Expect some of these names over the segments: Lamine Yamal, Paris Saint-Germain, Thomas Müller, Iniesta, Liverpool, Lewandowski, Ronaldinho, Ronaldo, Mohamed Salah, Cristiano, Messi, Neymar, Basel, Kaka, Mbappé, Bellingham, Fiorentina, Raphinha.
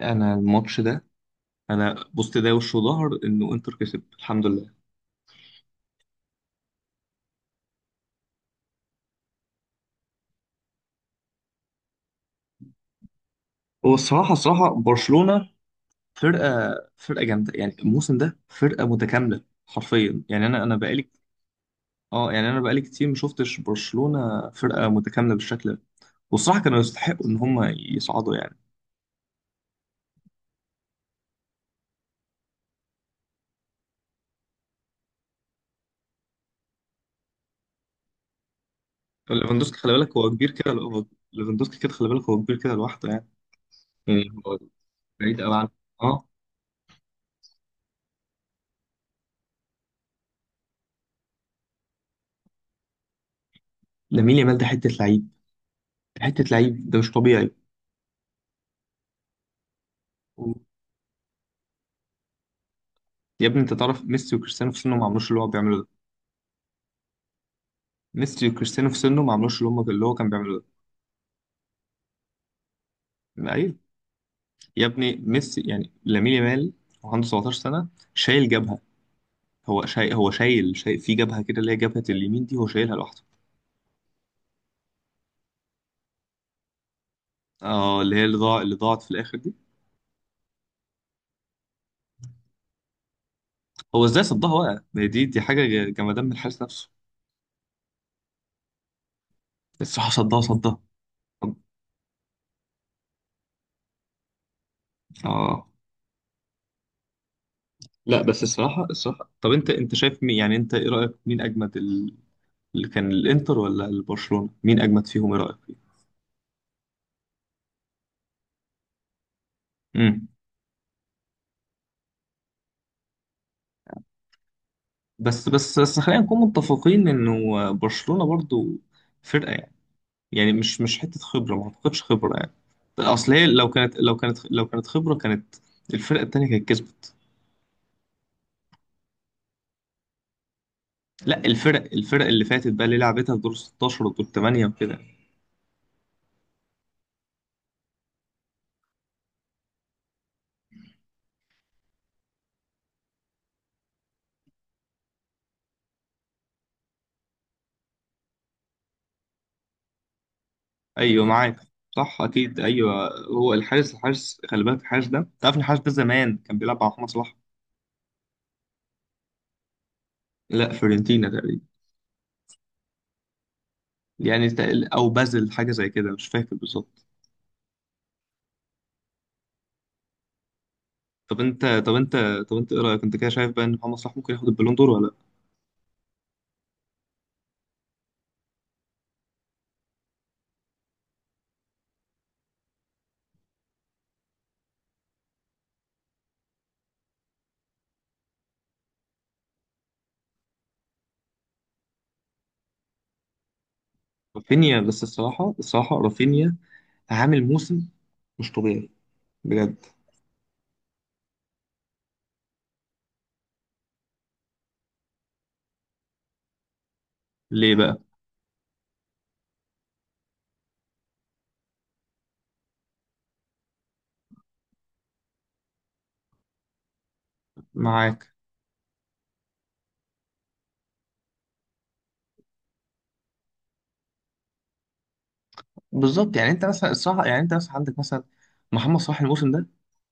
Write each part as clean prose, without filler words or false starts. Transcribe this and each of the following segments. انا الماتش ده، انا بصت ده وش وظهر انه انتر كسب الحمد لله. هو الصراحه الصراحه برشلونه فرقه جامده، يعني الموسم ده فرقه متكامله حرفيا. يعني انا بقالي، اه يعني انا بقالي كتير ما شفتش برشلونه فرقه متكامله بالشكل ده. والصراحه كانوا يستحقوا ان هم يصعدوا يعني. ليفاندوسكي خلي بالك هو كبير كده، هو ليفاندوسكي كده خلي بالك هو كبير كده لوحده يعني. يعني هو بعيد قوي عن، اه. لامين يامال ده حته لعيب، حته لعيب ده مش طبيعي. يا ابني انت تعرف ميسي وكريستيانو في سنه ما عملوش اللي هو بيعمله ده، ميسي وكريستيانو في سنه ما عملوش اللي هم اللي هو كان بيعمله ده. ايوه يا ابني ميسي يعني لامين يامال وعنده 17 سنه، شايل جبهه. هو شايل في جبهه كده اللي هي جبهه اليمين دي هو شايلها لوحده. اه اللي هي اللي ضاع اللي ضاعت في الاخر دي. هو ازاي صدها بقى، ما هي دي حاجه جمدان من الحارس نفسه. الصراحه صدها، اه. لا بس الصراحه الصراحه، طب انت شايف مين، يعني انت ايه رايك مين اجمد اللي كان، الانتر ولا البرشلونه، مين اجمد فيهم ايه رايك؟ امم، بس خلينا نكون متفقين انه برشلونة برضو فرقة يعني، يعني مش حتة خبرة، ما اعتقدش خبرة يعني. اصل هي لو كانت خبرة، كانت الفرقة التانية كانت كسبت. لا الفرق اللي فاتت بقى اللي لعبتها في دور 16 ودور 8 وكده. ايوه معاك، صح اكيد ايوه. هو الحارس خلي بالك، الحارس ده انت عارف إن الحارس ده زمان كان بيلعب مع محمد صلاح. لا فيورنتينا تقريبا. يعني او بازل حاجة زي كده، مش فاكر بالظبط. طب انت طب انت طب انت ايه رايك، انت كده شايف بقى ان محمد صلاح ممكن ياخد البالون دور ولا لا؟ رافينيا، بس الصراحه الصراحه رافينيا عامل موسم مش طبيعي بجد. ليه بقى؟ معاك بالظبط. يعني انت مثلا الصراحه، يعني انت مثلا عندك مثلا محمد صلاح الموسم ده،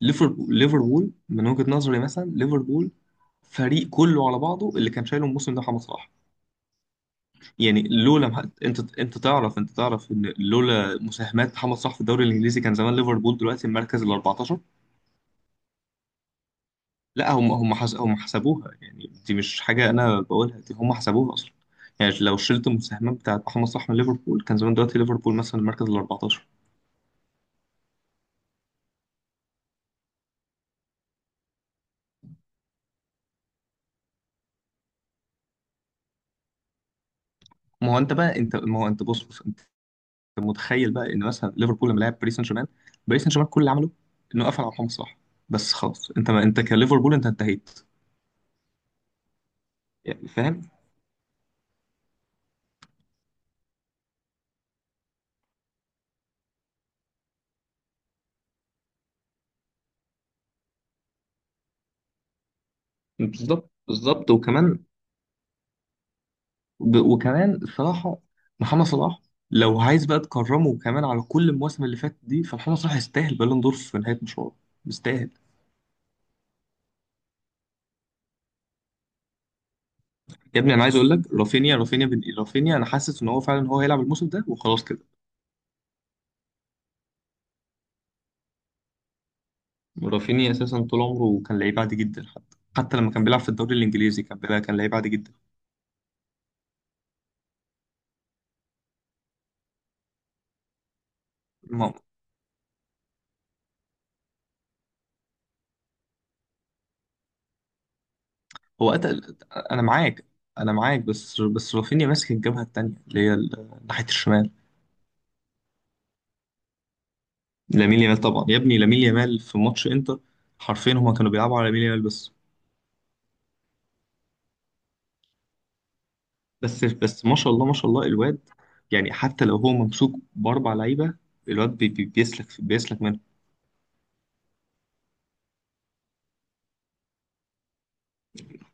ليفربول من وجهه نظري، مثلا ليفربول فريق كله على بعضه اللي كان شايله الموسم ده محمد صلاح. يعني انت تعرف، انت تعرف ان لولا مساهمات محمد صلاح في الدوري الانجليزي كان زمان ليفربول دلوقتي المركز ال 14. لا هم هم حسبوها، يعني دي مش حاجة أنا بقولها، دي هم حسبوها أصلا. يعني لو شلت المساهمات بتاعت محمد صلاح من ليفربول كان زمان دلوقتي ليفربول مثلا المركز ال 14. ما هو أنت بقى أنت ما هو أنت بص أنت متخيل بقى إن مثلا ليفربول لما لعب باريس سان جيرمان، باريس سان جيرمان كل اللي عمله إنه قفل على محمد صلاح. بس خلاص أنت، ما أنت كليفربول أنت انتهيت، يعني فاهم. بالظبط بالظبط، وكمان، وكمان الصراحة محمد صلاح لو عايز بقى تكرمه كمان على كل المواسم اللي فاتت دي، فمحمد صلاح يستاهل بالون دور في نهاية مشواره، يستاهل. يا ابني انا عايز اقول لك رافينيا، رافينيا بن رافينيا انا حاسس ان هو فعلا هو هيلعب الموسم ده وخلاص كده. رافينيا اساسا طول عمره كان لعيب عادي جدا، حتى لما كان بيلعب في الدوري الانجليزي كان بيلعب كان لعيب عادي جدا. ما- هو قتل. انا معاك، انا معاك. بس بس رافينيا ماسك الجبهة التانية اللي هي ناحية الشمال. لامين يامال طبعا يا ابني، لامين يامال في ماتش انتر حرفيا هما كانوا بيلعبوا على لامين يامال بس. بس ما شاء الله ما شاء الله الواد، يعني حتى لو هو ممسوك باربع لعيبه الواد بي بي بيسلك منه.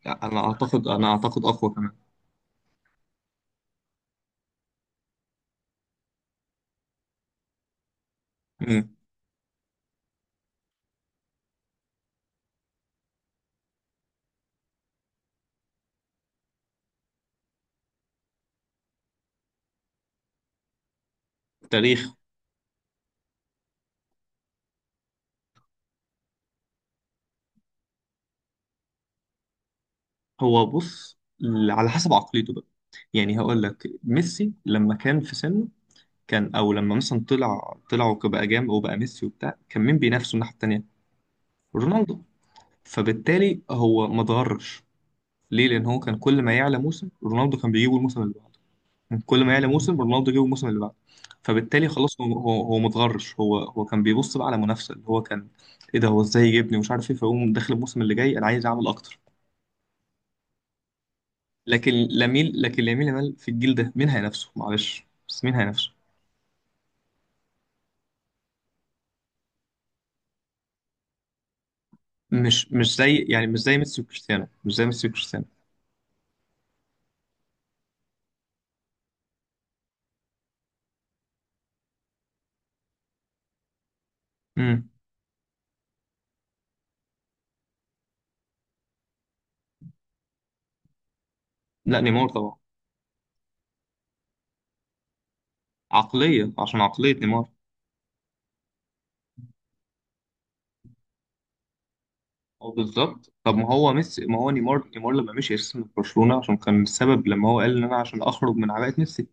انا اعتقد، انا اعتقد اقوى كمان. مم. تاريخ. هو بص، على حسب عقليته بقى. يعني هقول لك ميسي لما كان في سنه كان، او لما مثلا طلع وبقى جامد وبقى ميسي وبتاع، كان مين بينافسه الناحيه التانيه؟ رونالدو. فبالتالي هو ما اتغرش. ليه؟ لأن هو كان كل ما يعلى موسم رونالدو كان بيجيبه الموسم اللي بعده، كان كل ما يعلى موسم رونالدو جيبه الموسم اللي بعده. فبالتالي خلاص، هو متغرش. هو كان بيبص بقى على منافسة اللي هو كان، إيه ده هو إزاي يجيبني ومش عارف إيه، فيقوم داخل الموسم اللي جاي أنا عايز أعمل أكتر. لكن لامين يامال في الجيل ده مين هينافسه؟ معلش بس مين هينافسه؟ مش مش زي يعني مش زي ميسي وكريستيانو، مش زي ميسي وكريستيانو. امم. لا نيمار طبعا. عقلية، عشان عقلية نيمار. اه بالظبط. طب ما هو ميسي، ما هو نيمار، لما مشي اساسا من برشلونة عشان كان السبب لما هو قال ان انا عشان اخرج من عباءة ميسي.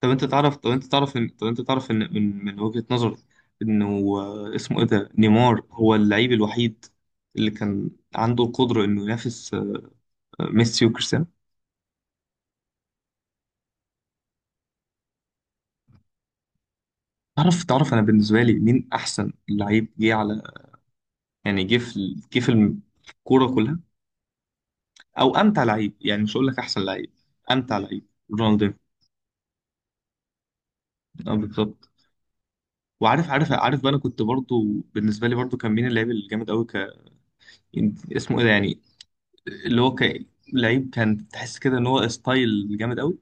طب انت تعرف طب انت تعرف ان طب انت تعرف ان من وجهة نظري انه، آه، اسمه ايه ده، نيمار هو اللعيب الوحيد اللي كان عنده القدرة انه ينافس، آه، ميسي وكريستيانو. تعرف انا بالنسبة لي مين احسن لعيب جه على، يعني جه في ال- جه في الم- في الكورة كلها، او امتع لعيب، يعني مش هقول لك احسن لعيب، امتع لعيب؟ رونالدينيو. اه بالظبط. وعارف عارف عارف بقى، انا كنت برضو، بالنسبه لي برضو، كان مين اللاعب الجامد قوي اسمه ايه ده يعني، اللي هو لعيب كان تحس كده ان هو ستايل جامد قوي؟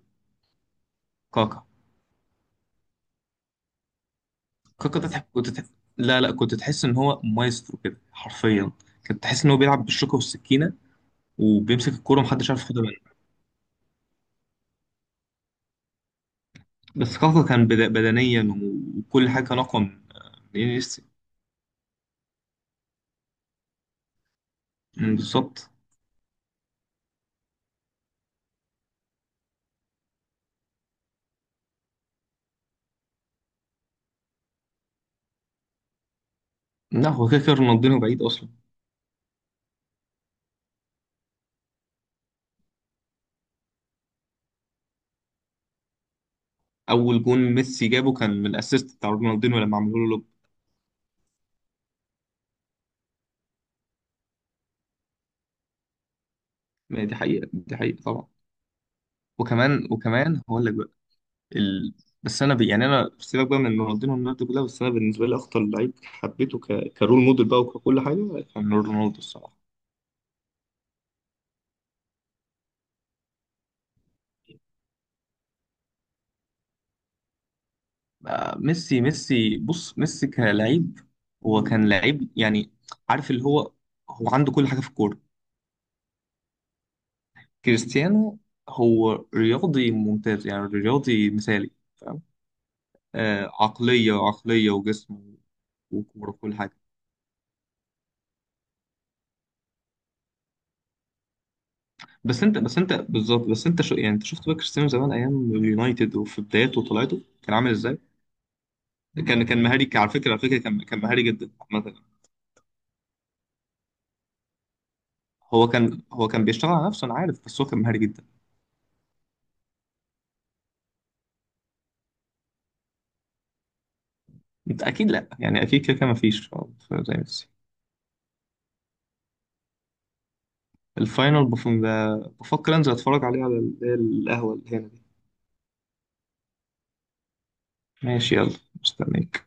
كاكا. كاكا ده لا لا كنت تحس ان هو مايسترو كده حرفيا، كنت تحس ان هو بيلعب بالشوكه والسكينه وبيمسك الكوره محدش عارف ياخدها منه. بس كاكا كان بدنيا وكل حاجه كان اقوى من، من انيستا. أمم، بالظبط. لا هو كده كده رونالدينو بعيد اصلا. اول جون ميسي جابه كان من الاسيست بتاع رونالدينو لما عملوا له. ما هي دي حقيقة، دي حقيقة طبعا. وكمان هقول لك بقى، ال... بس انا ب... يعني انا سيبك بقى من رونالدينو والناس دي كلها، بس انا بالنسبة لي اخطر لعيب حبيته كرول موديل بقى وككل حاجة كان رونالدو الصراحة. بقى ميسي بص، ميسي كلاعب هو كان لعيب يعني، عارف اللي هو هو عنده كل حاجة في الكورة. كريستيانو هو رياضي ممتاز، يعني رياضي مثالي، فاهم؟ آه، عقلية عقلية وجسم وكورة وكل حاجة. بس انت بالظبط، بس انت شو، يعني انت شفت بقى كريستيانو زمان ايام اليونايتد وفي بداياته وطلعته كان عامل ازاي؟ كان مهاري، على فكره، على فكره كان مهاري جدا عامه. هو كان بيشتغل على نفسه انا عارف، بس هو كان مهاري جدا. انت اكيد لا، يعني اكيد كده كده مفيش زي ميسي. الفاينل بفكر انزل اتفرج عليه على القهوه اللي هنا دي. ماشي يلا، مستنيك.